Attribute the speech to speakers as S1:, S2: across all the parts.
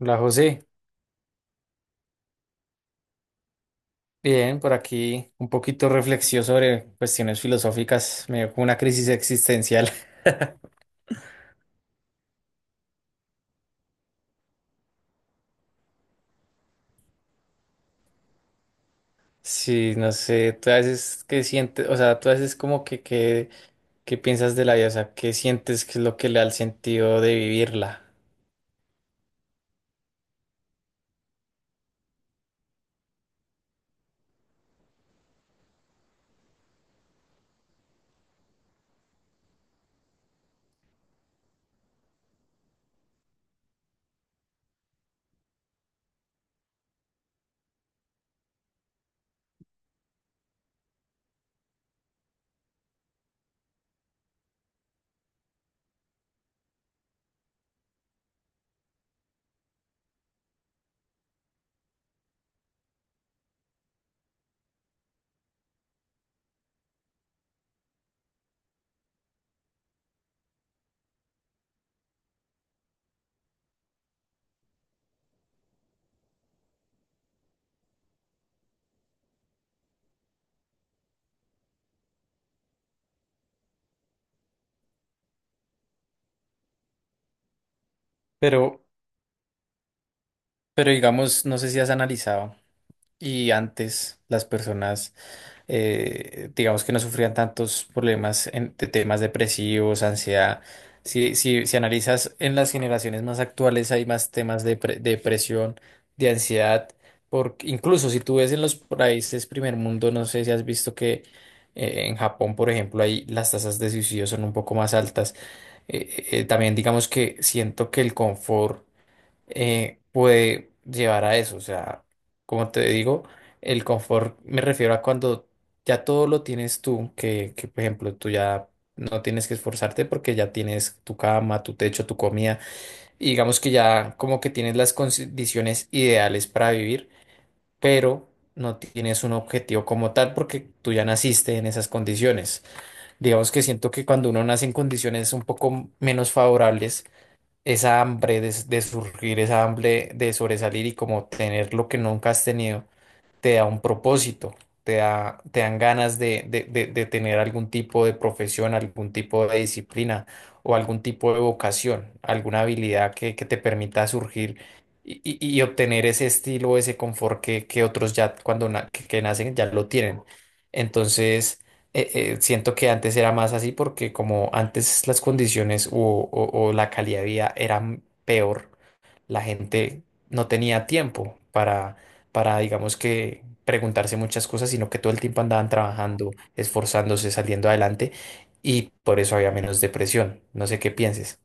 S1: Hola José, bien, por aquí un poquito reflexión sobre cuestiones filosóficas, me dio como una crisis existencial. Sí, no sé, tú a veces qué sientes, o sea, tú a veces como qué piensas de la vida, o sea, qué sientes, qué es lo que le da el sentido de vivirla. Pero, pero digamos, no sé si has analizado y antes las personas. Digamos que no sufrían tantos problemas en, de temas depresivos, ansiedad. Si analizas en las generaciones más actuales hay más temas de, de depresión, de ansiedad, porque incluso si tú ves en los países primer mundo, no sé si has visto que en Japón, por ejemplo, ahí las tasas de suicidio son un poco más altas. Eh, También digamos que siento que el confort puede llevar a eso. O sea, como te digo, el confort me refiero a cuando ya todo lo tienes tú, por ejemplo tú ya no tienes que esforzarte porque ya tienes tu cama, tu techo, tu comida, y digamos que ya como que tienes las condiciones ideales para vivir, pero no tienes un objetivo como tal porque tú ya naciste en esas condiciones. Digamos que siento que cuando uno nace en condiciones un poco menos favorables, esa hambre de surgir, esa hambre de sobresalir y como tener lo que nunca has tenido te da un propósito, te da, te dan ganas de, de tener algún tipo de profesión, algún tipo de disciplina o algún tipo de vocación, alguna habilidad que te permita surgir y obtener ese estilo, ese confort que otros ya cuando que nacen ya lo tienen. Entonces, siento que antes era más así porque como antes las condiciones o la calidad de vida eran peor, la gente no tenía tiempo para digamos que, preguntarse muchas cosas, sino que todo el tiempo andaban trabajando, esforzándose, saliendo adelante y por eso había menos depresión. No sé qué pienses.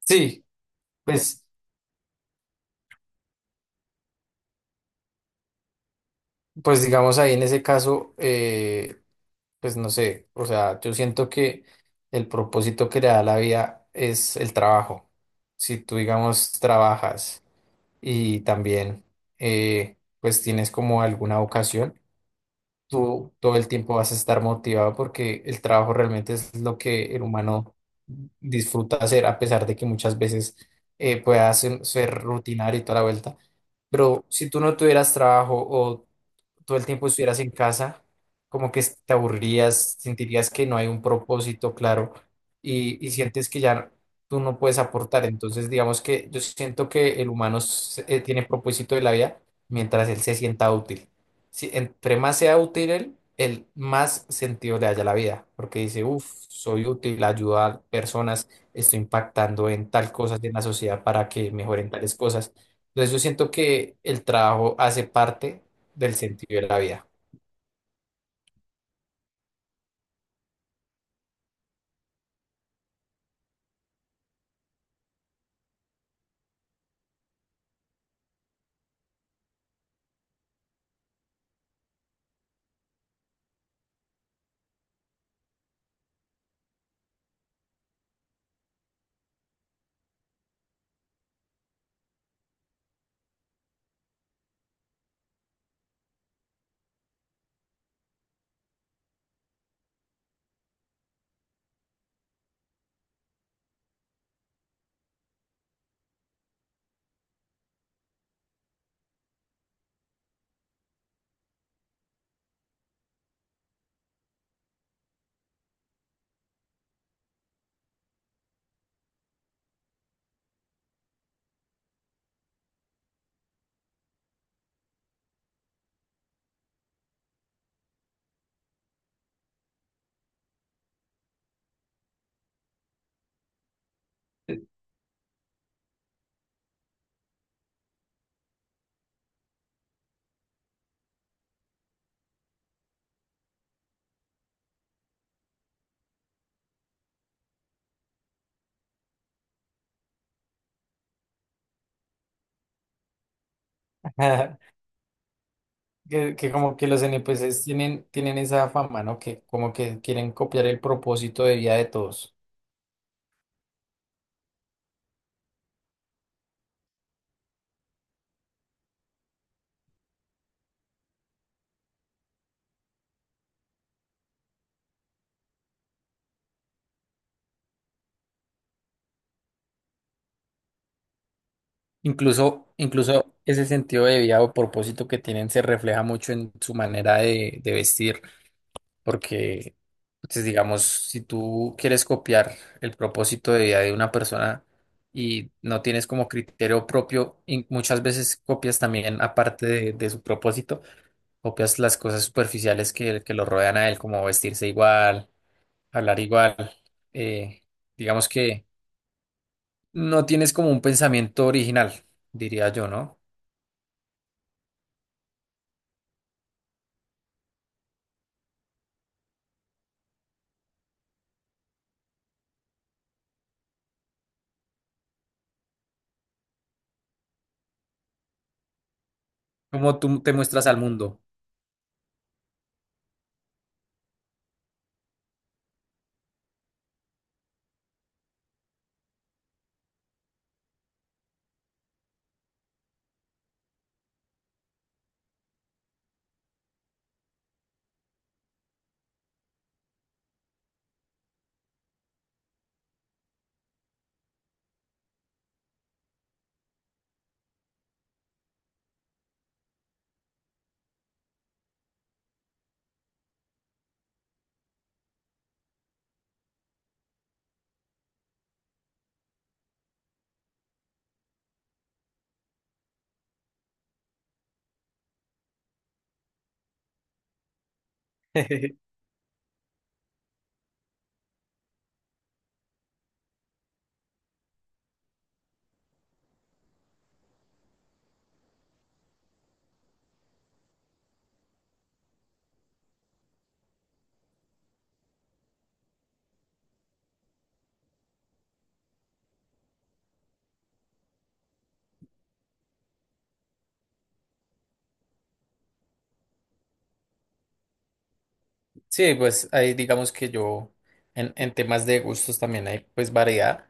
S1: Sí, pues, pues digamos ahí en ese caso, pues no sé, o sea, yo siento que el propósito que le da la vida es el trabajo. Si tú, digamos, trabajas y también, pues tienes como alguna vocación. Tú todo el tiempo vas a estar motivado porque el trabajo realmente es lo que el humano disfruta hacer, a pesar de que muchas veces pueda ser rutinario y toda la vuelta, bro, si tú no tuvieras trabajo o todo el tiempo estuvieras en casa, como que te aburrirías, sentirías que no hay un propósito claro y sientes que ya tú no puedes aportar. Entonces, digamos que yo siento que el humano tiene propósito de la vida mientras él se sienta útil. Si entre más sea útil él, él más sentido le haya a la vida, porque dice, uff, soy útil, ayudo a personas, estoy impactando en tal cosas en la sociedad para que mejoren tales cosas. Entonces yo siento que el trabajo hace parte del sentido de la vida. Que como que los NPCs tienen, tienen esa fama, ¿no? Que como que quieren copiar el propósito de vida de todos. Incluso ese sentido de vida o propósito que tienen se refleja mucho en su manera de vestir, porque, pues, digamos, si tú quieres copiar el propósito de vida de una persona y no tienes como criterio propio, y muchas veces copias también, aparte de su propósito, copias las cosas superficiales que lo rodean a él, como vestirse igual, hablar igual. eh, digamos que no tienes como un pensamiento original, diría yo, ¿no? Como tú te muestras al mundo. Sí, pues ahí digamos que yo en temas de gustos también hay pues variedad.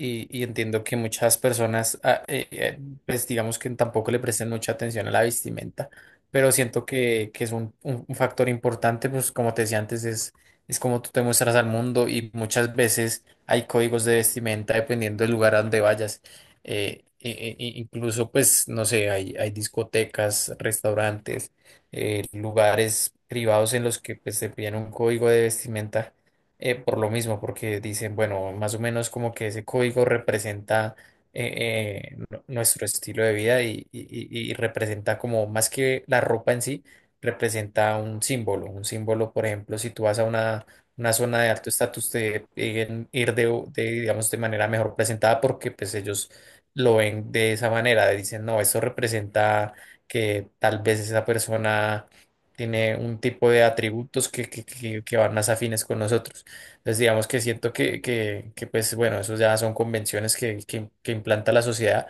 S1: Y entiendo que muchas personas, pues digamos que tampoco le prestan mucha atención a la vestimenta, pero siento que es un, un factor importante, pues como te decía antes, es como tú te muestras al mundo y muchas veces hay códigos de vestimenta dependiendo del lugar a donde vayas. E incluso, pues, no sé, hay discotecas, restaurantes, lugares privados en los que pues, se piden un código de vestimenta por lo mismo, porque dicen, bueno, más o menos como que ese código representa nuestro estilo de vida y representa como más que la ropa en sí, representa un símbolo. Un símbolo, por ejemplo, si tú vas a una zona de alto estatus, te piden ir de, digamos, de manera mejor presentada porque pues ellos lo ven de esa manera. Dicen, no, esto representa que tal vez esa persona tiene un tipo de atributos que que van más afines con nosotros. Entonces, digamos que siento que pues, bueno, eso ya son convenciones que implanta la sociedad,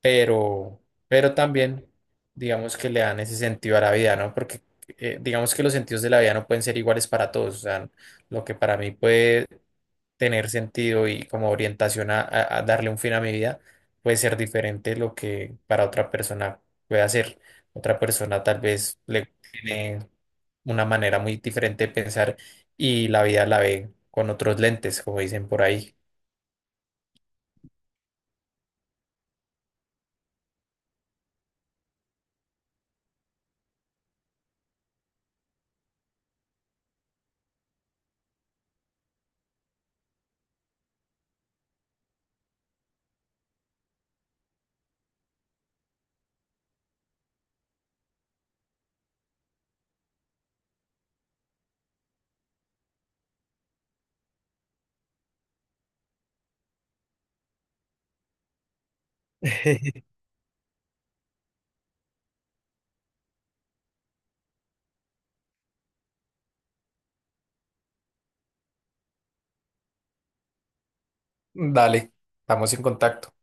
S1: pero, pero también, digamos que le dan ese sentido a la vida, ¿no? Porque digamos que los sentidos de la vida no pueden ser iguales para todos. O sea, lo que para mí puede tener sentido y como orientación a, a darle un fin a mi vida, puede ser diferente lo que para otra persona puede hacer. Otra persona tal vez le tiene una manera muy diferente de pensar y la vida la ve con otros lentes, como dicen por ahí. Dale, estamos en contacto.